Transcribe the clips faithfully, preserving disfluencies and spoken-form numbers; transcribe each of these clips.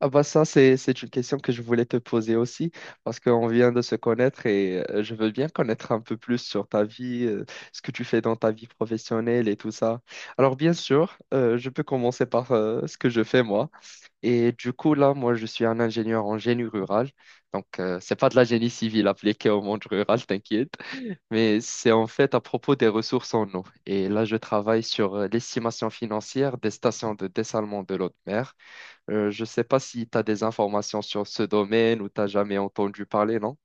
Ah bah ça, c'est, c'est une question que je voulais te poser aussi, parce qu'on vient de se connaître et euh, je veux bien connaître un peu plus sur ta vie, euh, ce que tu fais dans ta vie professionnelle et tout ça. Alors bien sûr, euh, je peux commencer par euh, ce que je fais moi. Et du coup, là, moi, je suis un ingénieur en génie rural. Donc, euh, c'est pas de la génie civile appliquée au monde rural, t'inquiète, mais c'est en fait à propos des ressources en eau. Et là, je travaille sur euh, l'estimation financière des stations de dessalement de l'eau de mer. Euh, je ne sais pas si tu as des informations sur ce domaine ou tu n'as jamais entendu parler, non?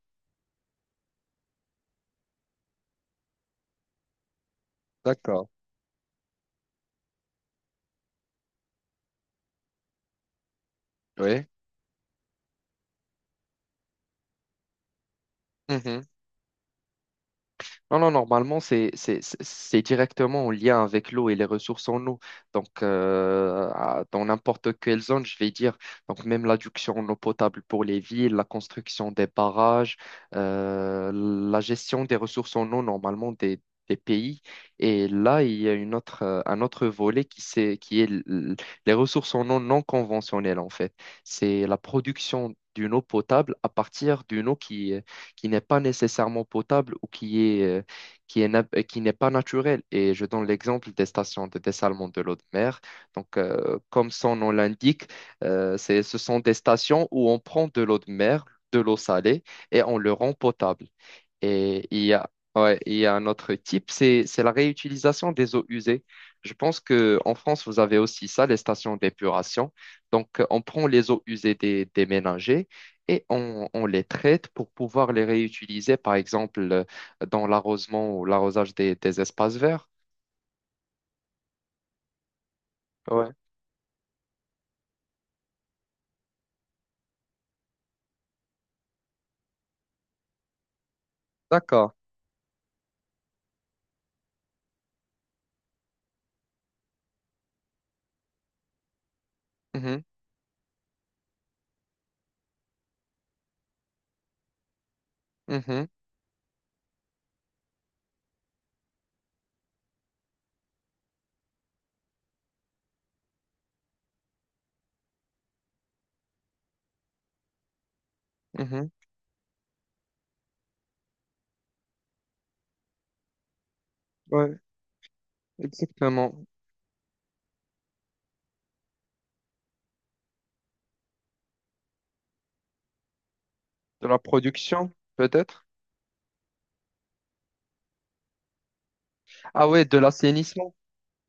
D'accord. Oui. Non, non, normalement, c'est c'est- c'est- c'est directement en lien avec l'eau et les ressources en eau. Donc, euh, à- dans n'importe quelle zone, je vais dire, donc même l'adduction en eau potable pour les villes, la construction des barrages, euh, la gestion des ressources en eau, normalement, des, des pays. Et là, il y a une autre, euh, un autre volet qui, c'est, qui est l- l- les ressources en eau non conventionnelles, en fait. C'est la production d'une eau potable à partir d'une eau qui n'est pas nécessairement potable ou qui est, euh, qui est, na- euh, qui n'est pas naturel. Et je donne l'exemple des stations de dessalement de l'eau de mer. Donc, euh, comme son nom l'indique, euh, c'est, ce sont des stations où on prend de l'eau de mer, de l'eau salée, et on le rend potable. Et il y a, ouais, il y a un autre type, c'est, c'est la réutilisation des eaux usées. Je pense qu'en France, vous avez aussi ça, les stations d'épuration. Donc, euh, on prend les eaux usées des, des ménagers et on, on les traite pour pouvoir les réutiliser, par exemple, euh, dans l'arrosement ou l'arrosage des, des espaces verts. Ouais, d'accord. Mhm, mhm, mhm. Ouais, exactement. De la production, peut-être? Ah ouais, de l'assainissement.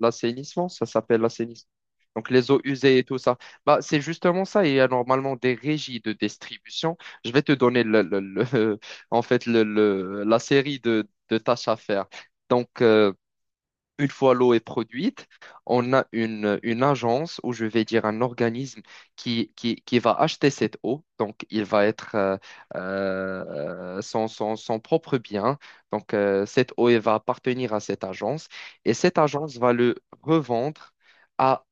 L'assainissement, ça s'appelle l'assainissement. Donc les eaux usées et tout ça. Bah, c'est justement ça. Il y a normalement des régies de distribution. Je vais te donner le, le- le- en fait le, le- la série de, de tâches à faire. Donc, euh, Une fois l'eau est produite, on a une, une agence, ou je vais dire un organisme qui, qui, qui va acheter cette eau. Donc, il va être euh, euh, son, son, son propre bien. Donc, euh, cette eau, elle va appartenir à cette agence. Et cette agence va le revendre à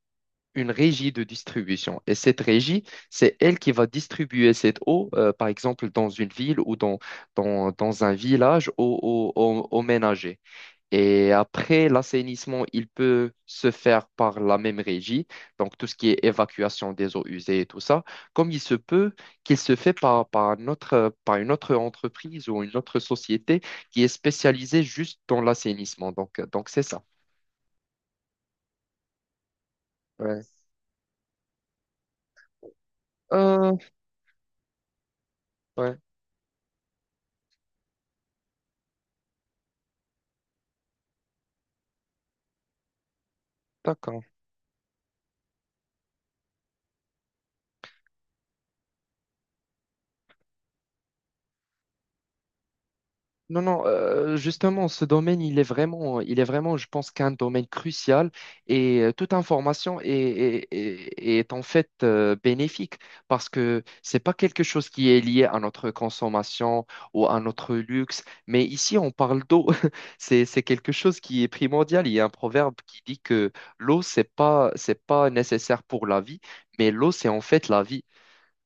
une régie de distribution. Et cette régie, c'est elle qui va distribuer cette eau, euh, par exemple, dans une ville ou dans, dans, dans un village, aux aux au, aux ménagers. Et après, l'assainissement, il peut se faire par la même régie, donc tout ce qui est évacuation des eaux usées et tout ça, comme il se peut qu'il se fait par, par un par une autre entreprise ou une autre société qui est spécialisée juste dans l'assainissement. Donc, donc c'est ça. Ouais. Euh, ouais, d'accord. Non, non, euh, justement, ce domaine, il est vraiment, il est vraiment, je pense, qu'un domaine crucial et euh, toute information est, est, est- est en fait euh, bénéfique parce que c'est pas quelque chose qui est lié à notre consommation ou à notre luxe, mais ici, on parle d'eau. C'est, c'est quelque chose qui est primordial. Il y a un proverbe qui dit que l'eau, c'est pas, c'est pas nécessaire pour la vie, mais l'eau, c'est en fait la vie.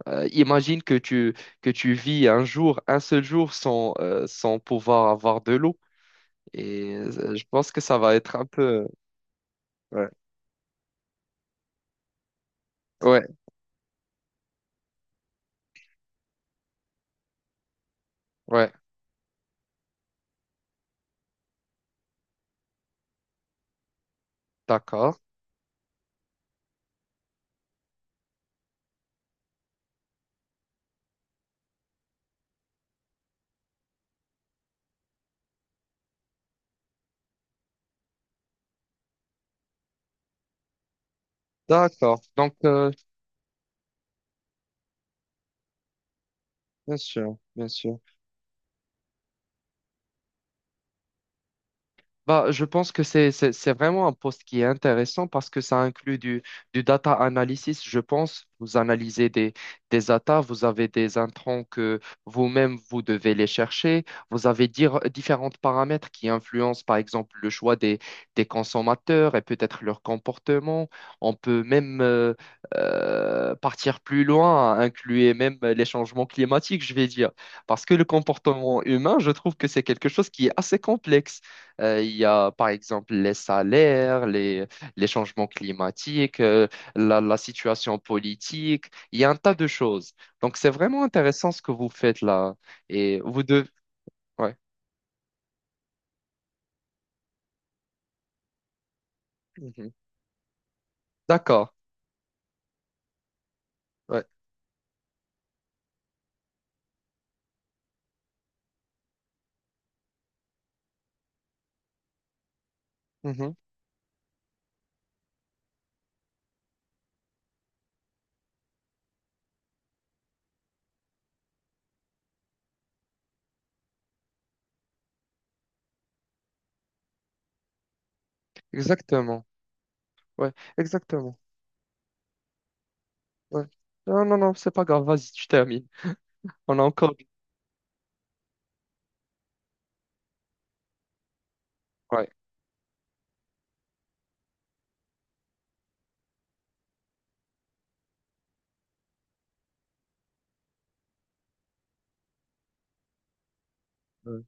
Euh, imagine que tu, que tu vis un jour, un seul jour sans, euh, sans pouvoir avoir de l'eau. Et euh, je pense que ça va être un peu... Ouais, ouais, ouais. D'accord, d'accord. Donc, euh, bien sûr, bien sûr. Bah, je pense que c'est, c'est, c'est vraiment un poste qui est intéressant parce que ça inclut du, du data analysis, je pense. Vous analysez des, des data, vous avez des intrants que vous-même, vous devez les chercher. Vous avez dire, différents paramètres qui influencent, par exemple, le choix des, des consommateurs et peut-être leur comportement. On peut même euh, euh, partir plus loin, inclure même les changements climatiques, je vais dire. Parce que le comportement humain, je trouve que c'est quelque chose qui est assez complexe. Euh, il y a par exemple les salaires, les, les changements climatiques, euh, la, la situation politique. Il y a un tas de choses. Donc c'est vraiment intéressant ce que vous faites là. Et vous devez... Ouais. Mhm. D'accord. Ouais. Mhm. Exactement. Ouais. Exactement. Ouais. Non, non, non, c'est pas grave. Vas-y, tu termines. On a encore... Ouais. Ouais.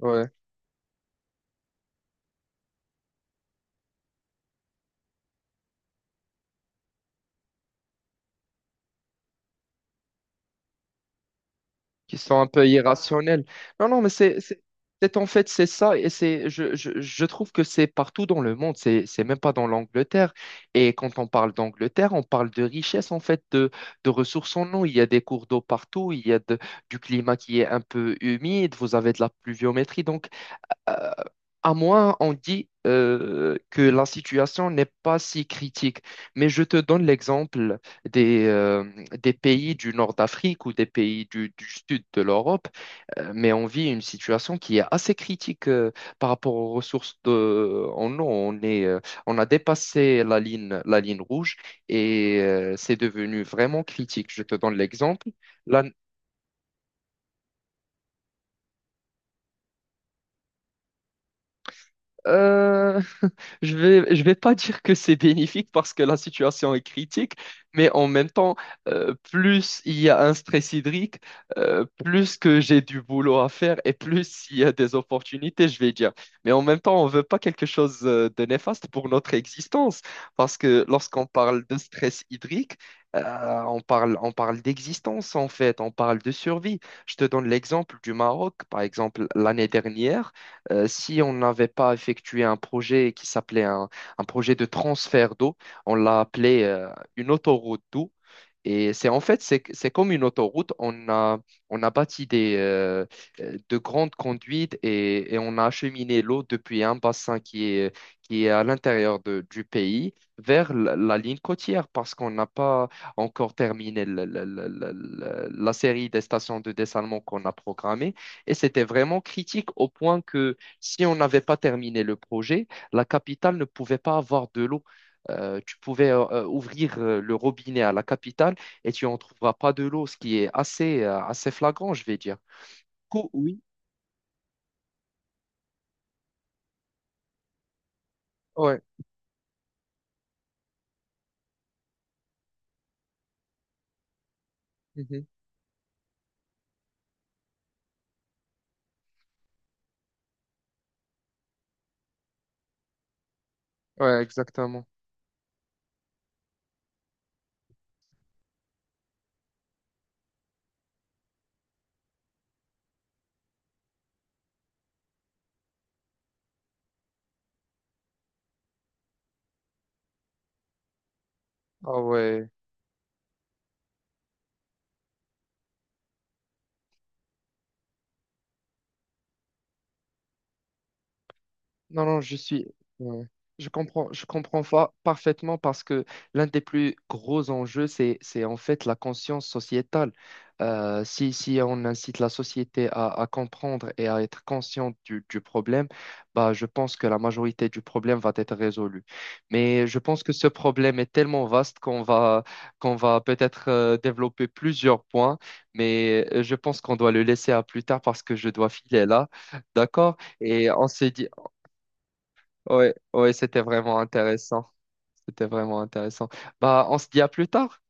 Ouais. Qui sont un peu irrationnels. Non, non, mais c'est, c'est, c'est- en fait, c'est ça, et c'est, je, je, je trouve que c'est partout dans le monde, c'est, c'est même pas dans l'Angleterre. Et quand on parle d'Angleterre, on parle de richesse, en fait, de, de ressources en eau. Il y a des cours d'eau partout, il y a de- du climat qui est un peu humide, vous avez de la pluviométrie. Donc, euh, à moi, on dit euh, que la situation n'est pas si critique. Mais je te donne l'exemple des, euh, des pays du nord d'Afrique ou des pays du, du sud de l'Europe. Euh, mais on vit une situation qui est assez critique euh, par rapport aux ressources de, en eau. On est, euh, on a dépassé la ligne, la ligne rouge et euh, c'est devenu vraiment critique. Je te donne l'exemple. La- euh, Je vais, je vais pas dire que c'est bénéfique parce que la situation est critique, mais en même temps, euh, plus il y a un stress hydrique, euh, plus que j'ai du boulot à faire et plus il y a des opportunités, je vais dire. Mais en même temps, on veut pas quelque chose euh, de néfaste pour notre existence parce que lorsqu'on parle de stress hydrique, euh, on parle, on parle d'existence en fait, on parle de survie. Je te donne l'exemple du Maroc, par exemple, l'année dernière. Euh, si on n'avait pas effectué un projet qui s'appelait un, un projet de transfert d'eau, on l'a appelé euh, une autoroute d'eau. Et c'est en fait, c'est c'est comme une autoroute. On a, on a bâti des, euh, euh, de grandes conduites et, et on a acheminé l'eau depuis un bassin qui est, qui est à l'intérieur de- du pays vers la, la ligne côtière parce qu'on n'a pas encore terminé le- le- le- le- le- la série des stations de dessalement qu'on a programmées. Et c'était vraiment critique au point que si on n'avait pas terminé le projet, la capitale ne pouvait pas avoir de l'eau. Euh, tu pouvais euh, ouvrir euh, le robinet à la capitale et tu en trouveras pas de l'eau, ce qui est assez, euh, assez flagrant, je vais dire. Co- oui. Ouais, mhm. Ouais, exactement. Ah ouais. Non, non, je suis. Ouais. Je comprends, je comprends fa- parfaitement parce que l'un des plus gros enjeux, c'est, c'est en fait la conscience sociétale. Euh, si, si on incite la société à, à comprendre et à être consciente du, du problème, bah, je pense que la majorité du problème va être résolue. Mais je pense que ce problème est tellement vaste qu'on va, qu'on va peut-être euh, développer plusieurs points, mais euh, je pense qu'on doit le laisser à plus tard parce que je dois filer là. D'accord? Et on se dit. Ouais, ouais, c'était vraiment intéressant. C'était vraiment intéressant. Bah, on se dit à plus tard.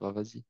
Bah, vas-y.